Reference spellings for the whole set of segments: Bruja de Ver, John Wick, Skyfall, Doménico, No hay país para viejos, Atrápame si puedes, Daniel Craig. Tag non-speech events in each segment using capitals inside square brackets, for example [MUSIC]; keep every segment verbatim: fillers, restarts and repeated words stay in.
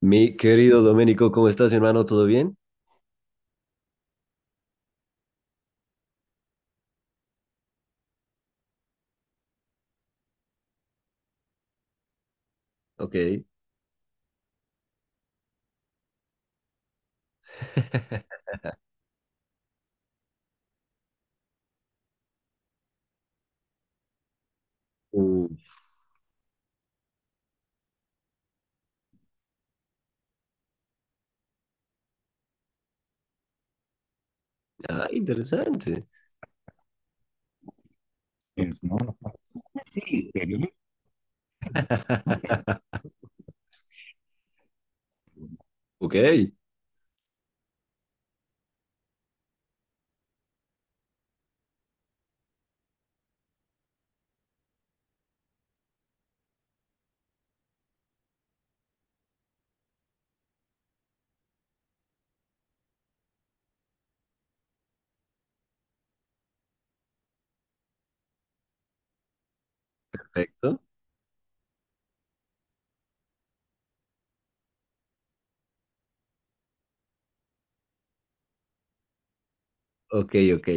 Mi querido Doménico, ¿cómo estás, hermano? ¿Todo bien? Ok. [LAUGHS] Ah, interesante. [LAUGHS] Ok, perfecto. Ok, ok.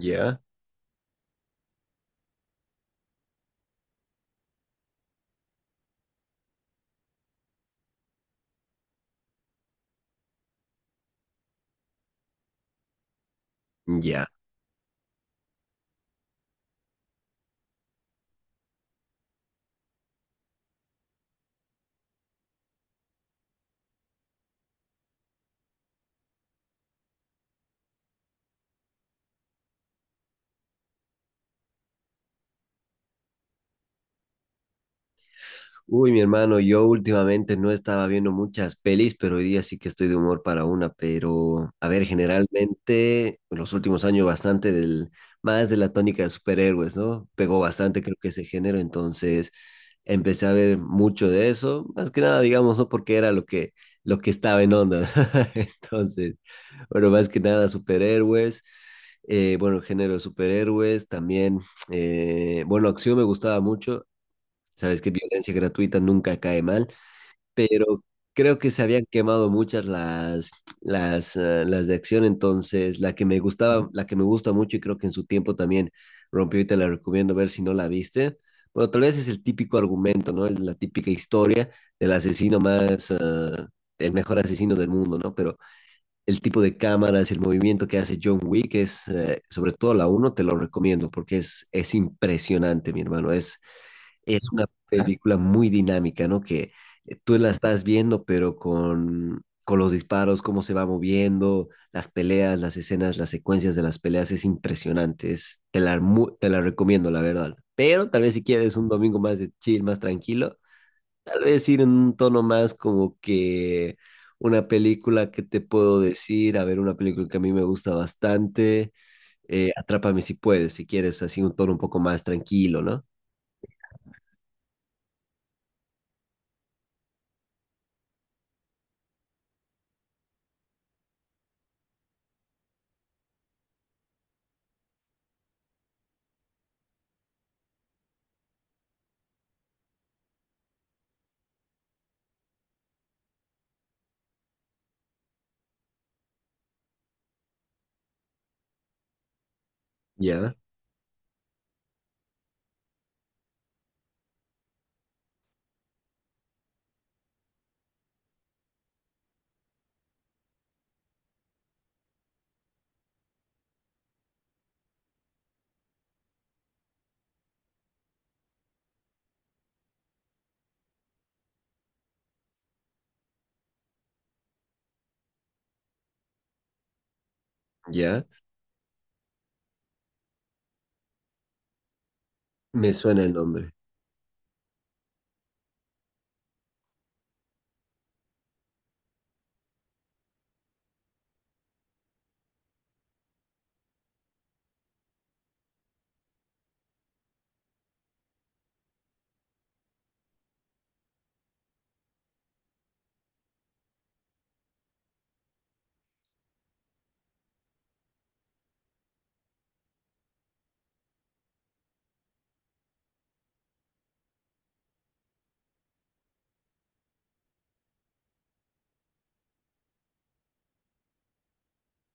Ya, ya. Uy, mi hermano, yo últimamente no estaba viendo muchas pelis, pero hoy día sí que estoy de humor para una. Pero, a ver, generalmente, en los últimos años bastante del, más de la tónica de superhéroes, ¿no? Pegó bastante, creo que ese género. Entonces, empecé a ver mucho de eso, más que nada, digamos, no porque era lo que, lo que estaba en onda. [LAUGHS] Entonces, bueno, más que nada superhéroes, eh, bueno, el género de superhéroes, también, eh, bueno, acción me gustaba mucho, sabes que violencia gratuita nunca cae mal, pero creo que se habían quemado muchas las, las, eh, las de acción, entonces la que me gustaba, la que me gusta mucho y creo que en su tiempo también rompió, y te la recomiendo ver si no la viste. Bueno, tal vez es el típico argumento, ¿no? La típica historia del asesino más, eh, el mejor asesino del mundo, ¿no? Pero el tipo de cámaras, el movimiento que hace John Wick es, eh, sobre todo la uno te lo recomiendo porque es, es impresionante, mi hermano. Es, es una película muy dinámica, ¿no? Que eh, tú la estás viendo, pero con, con los disparos, cómo se va moviendo, las peleas, las escenas, las secuencias de las peleas, es impresionante. Es, te la, mu- te la recomiendo, la verdad. Pero tal vez si quieres un domingo más de chill, más tranquilo, tal vez ir en un tono más como que una película que te puedo decir, a ver, una película que a mí me gusta bastante, eh, Atrápame si puedes, si quieres, así un tono un poco más tranquilo, ¿no? Ya, ya. Me suena el nombre.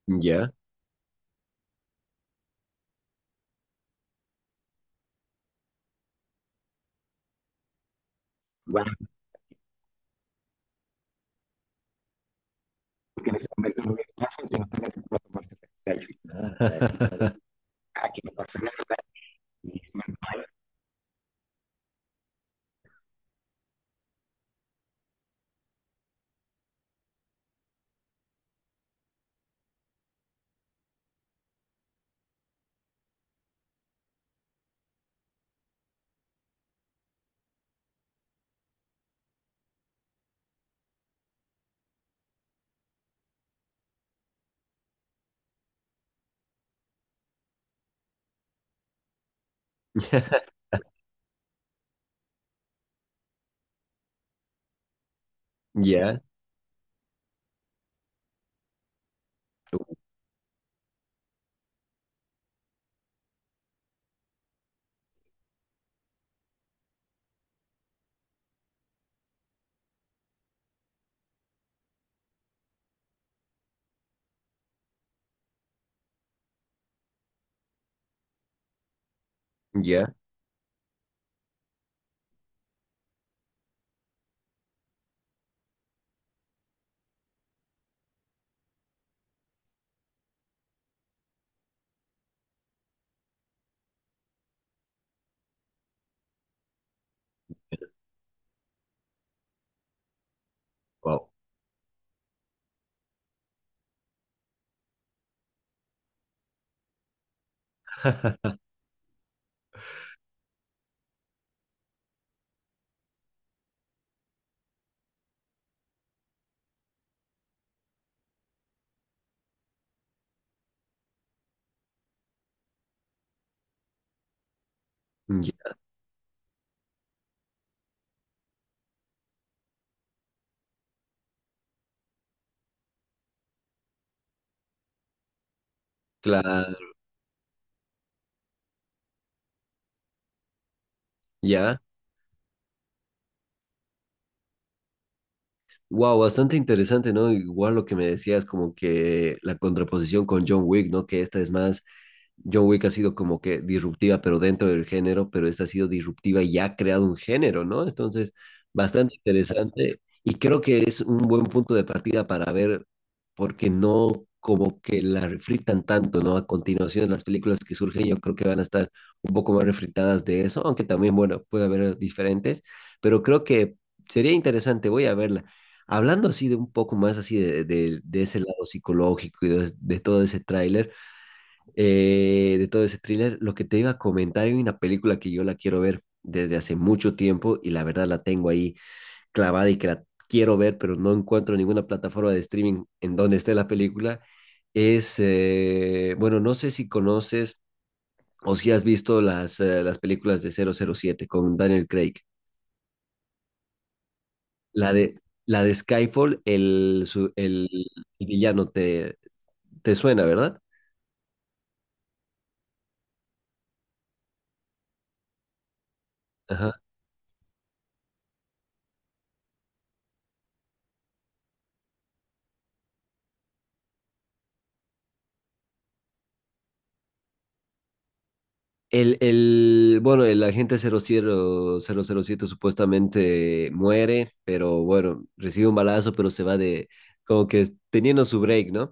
¿Ya? Selfies. [LAUGHS] ¿Ya? ¿Ya? Wow. ¿Ya? Claro. ¿Ya? Wow, bastante interesante, ¿no? Igual lo que me decías, como que la contraposición con John Wick, ¿no? Que esta es más, John Wick ha sido como que disruptiva, pero dentro del género, pero esta ha sido disruptiva y ha creado un género, ¿no? Entonces, bastante interesante y creo que es un buen punto de partida para ver, porque no como que la refritan tanto, ¿no? A continuación, las películas que surgen yo creo que van a estar un poco más refritadas de eso, aunque también, bueno, puede haber diferentes, pero creo que sería interesante, voy a verla. Hablando así de un poco más así de, de- de ese lado psicológico y de, de todo ese tráiler, eh, de todo ese thriller, lo que te iba a comentar, hay una película que yo la quiero ver desde hace mucho tiempo y la verdad la tengo ahí clavada y que la quiero ver, pero no encuentro ninguna plataforma de streaming en donde esté la película. Es, eh, bueno, no sé si conoces o si has visto las, eh, las películas de cero cero siete con Daniel Craig. La de, la de Skyfall, el, su- el, el villano, ¿te, te suena, ¿verdad? Ajá. El, el, bueno, el agente cero cero cero cero siete supuestamente muere, pero bueno, recibe un balazo, pero se va de, como que teniendo su break, ¿no?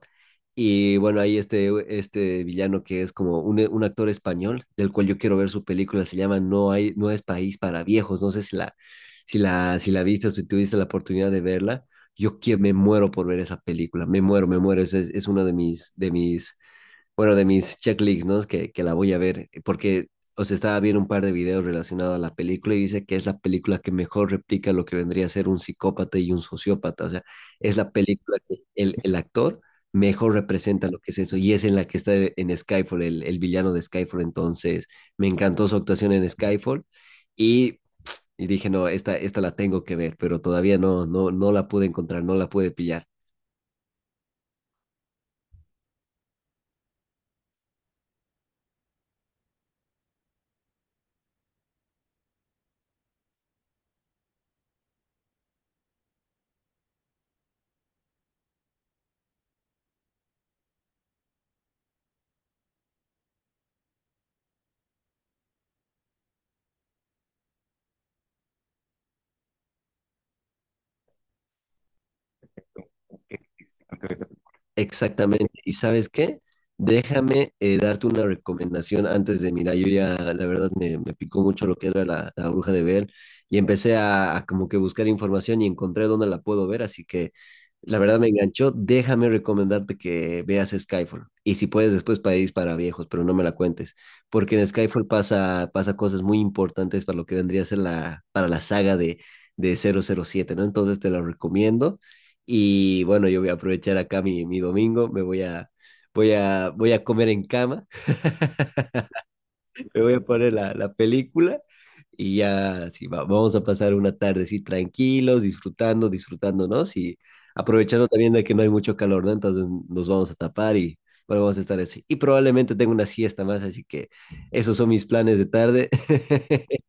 Y bueno, ahí este, este villano que es como un, un actor español, del cual yo quiero ver su película, se llama No hay, no es país para viejos, no sé si la, si la, si la viste o si tuviste la oportunidad de verla, yo que, me muero por ver esa película, me muero, me muero, es, es es una de mis, de mis bueno, de mis checklists, ¿no? Es que, que la voy a ver, porque, o sea, estaba viendo un par de videos relacionados a la película y dice que es la película que mejor replica lo que vendría a ser un psicópata y un sociópata. O sea, es la película que el, el actor mejor representa lo que es eso y es en la que está en Skyfall, el, el villano de Skyfall. Entonces, me encantó su actuación en Skyfall y, y dije, no, esta, esta la tengo que ver, pero todavía no, no, no la pude encontrar, no la pude pillar. Exactamente. ¿Y sabes qué? Déjame eh, darte una recomendación antes de, mira, yo ya la verdad me, me picó mucho lo que era la, la Bruja de Ver y empecé a, a como que buscar información y encontré dónde la puedo ver, así que la verdad me enganchó. Déjame recomendarte que veas Skyfall y si puedes después País para Viejos, pero no me la cuentes, porque en Skyfall pasa, pasa cosas muy importantes para lo que vendría a ser la, para la saga de, de cero cero siete, ¿no? Entonces te la recomiendo. Y bueno, yo voy a aprovechar acá mi, mi domingo, me voy a, voy a, voy a comer en cama, [LAUGHS] me voy a poner la, la película y ya sí, va- vamos a pasar una tarde así tranquilos, disfrutando, disfrutándonos y aprovechando también de que no hay mucho calor, ¿no? Entonces nos vamos a tapar y bueno, vamos a estar así. Y probablemente tengo una siesta más, así que esos son mis planes de tarde. [LAUGHS]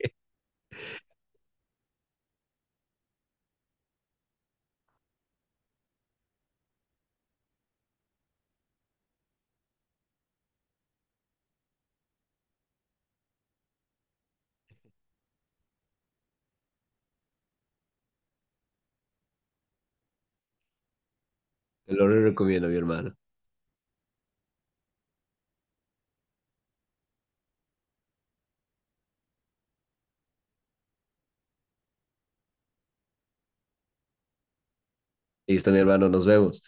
Te lo recomiendo, mi hermano. Listo, mi hermano, nos vemos.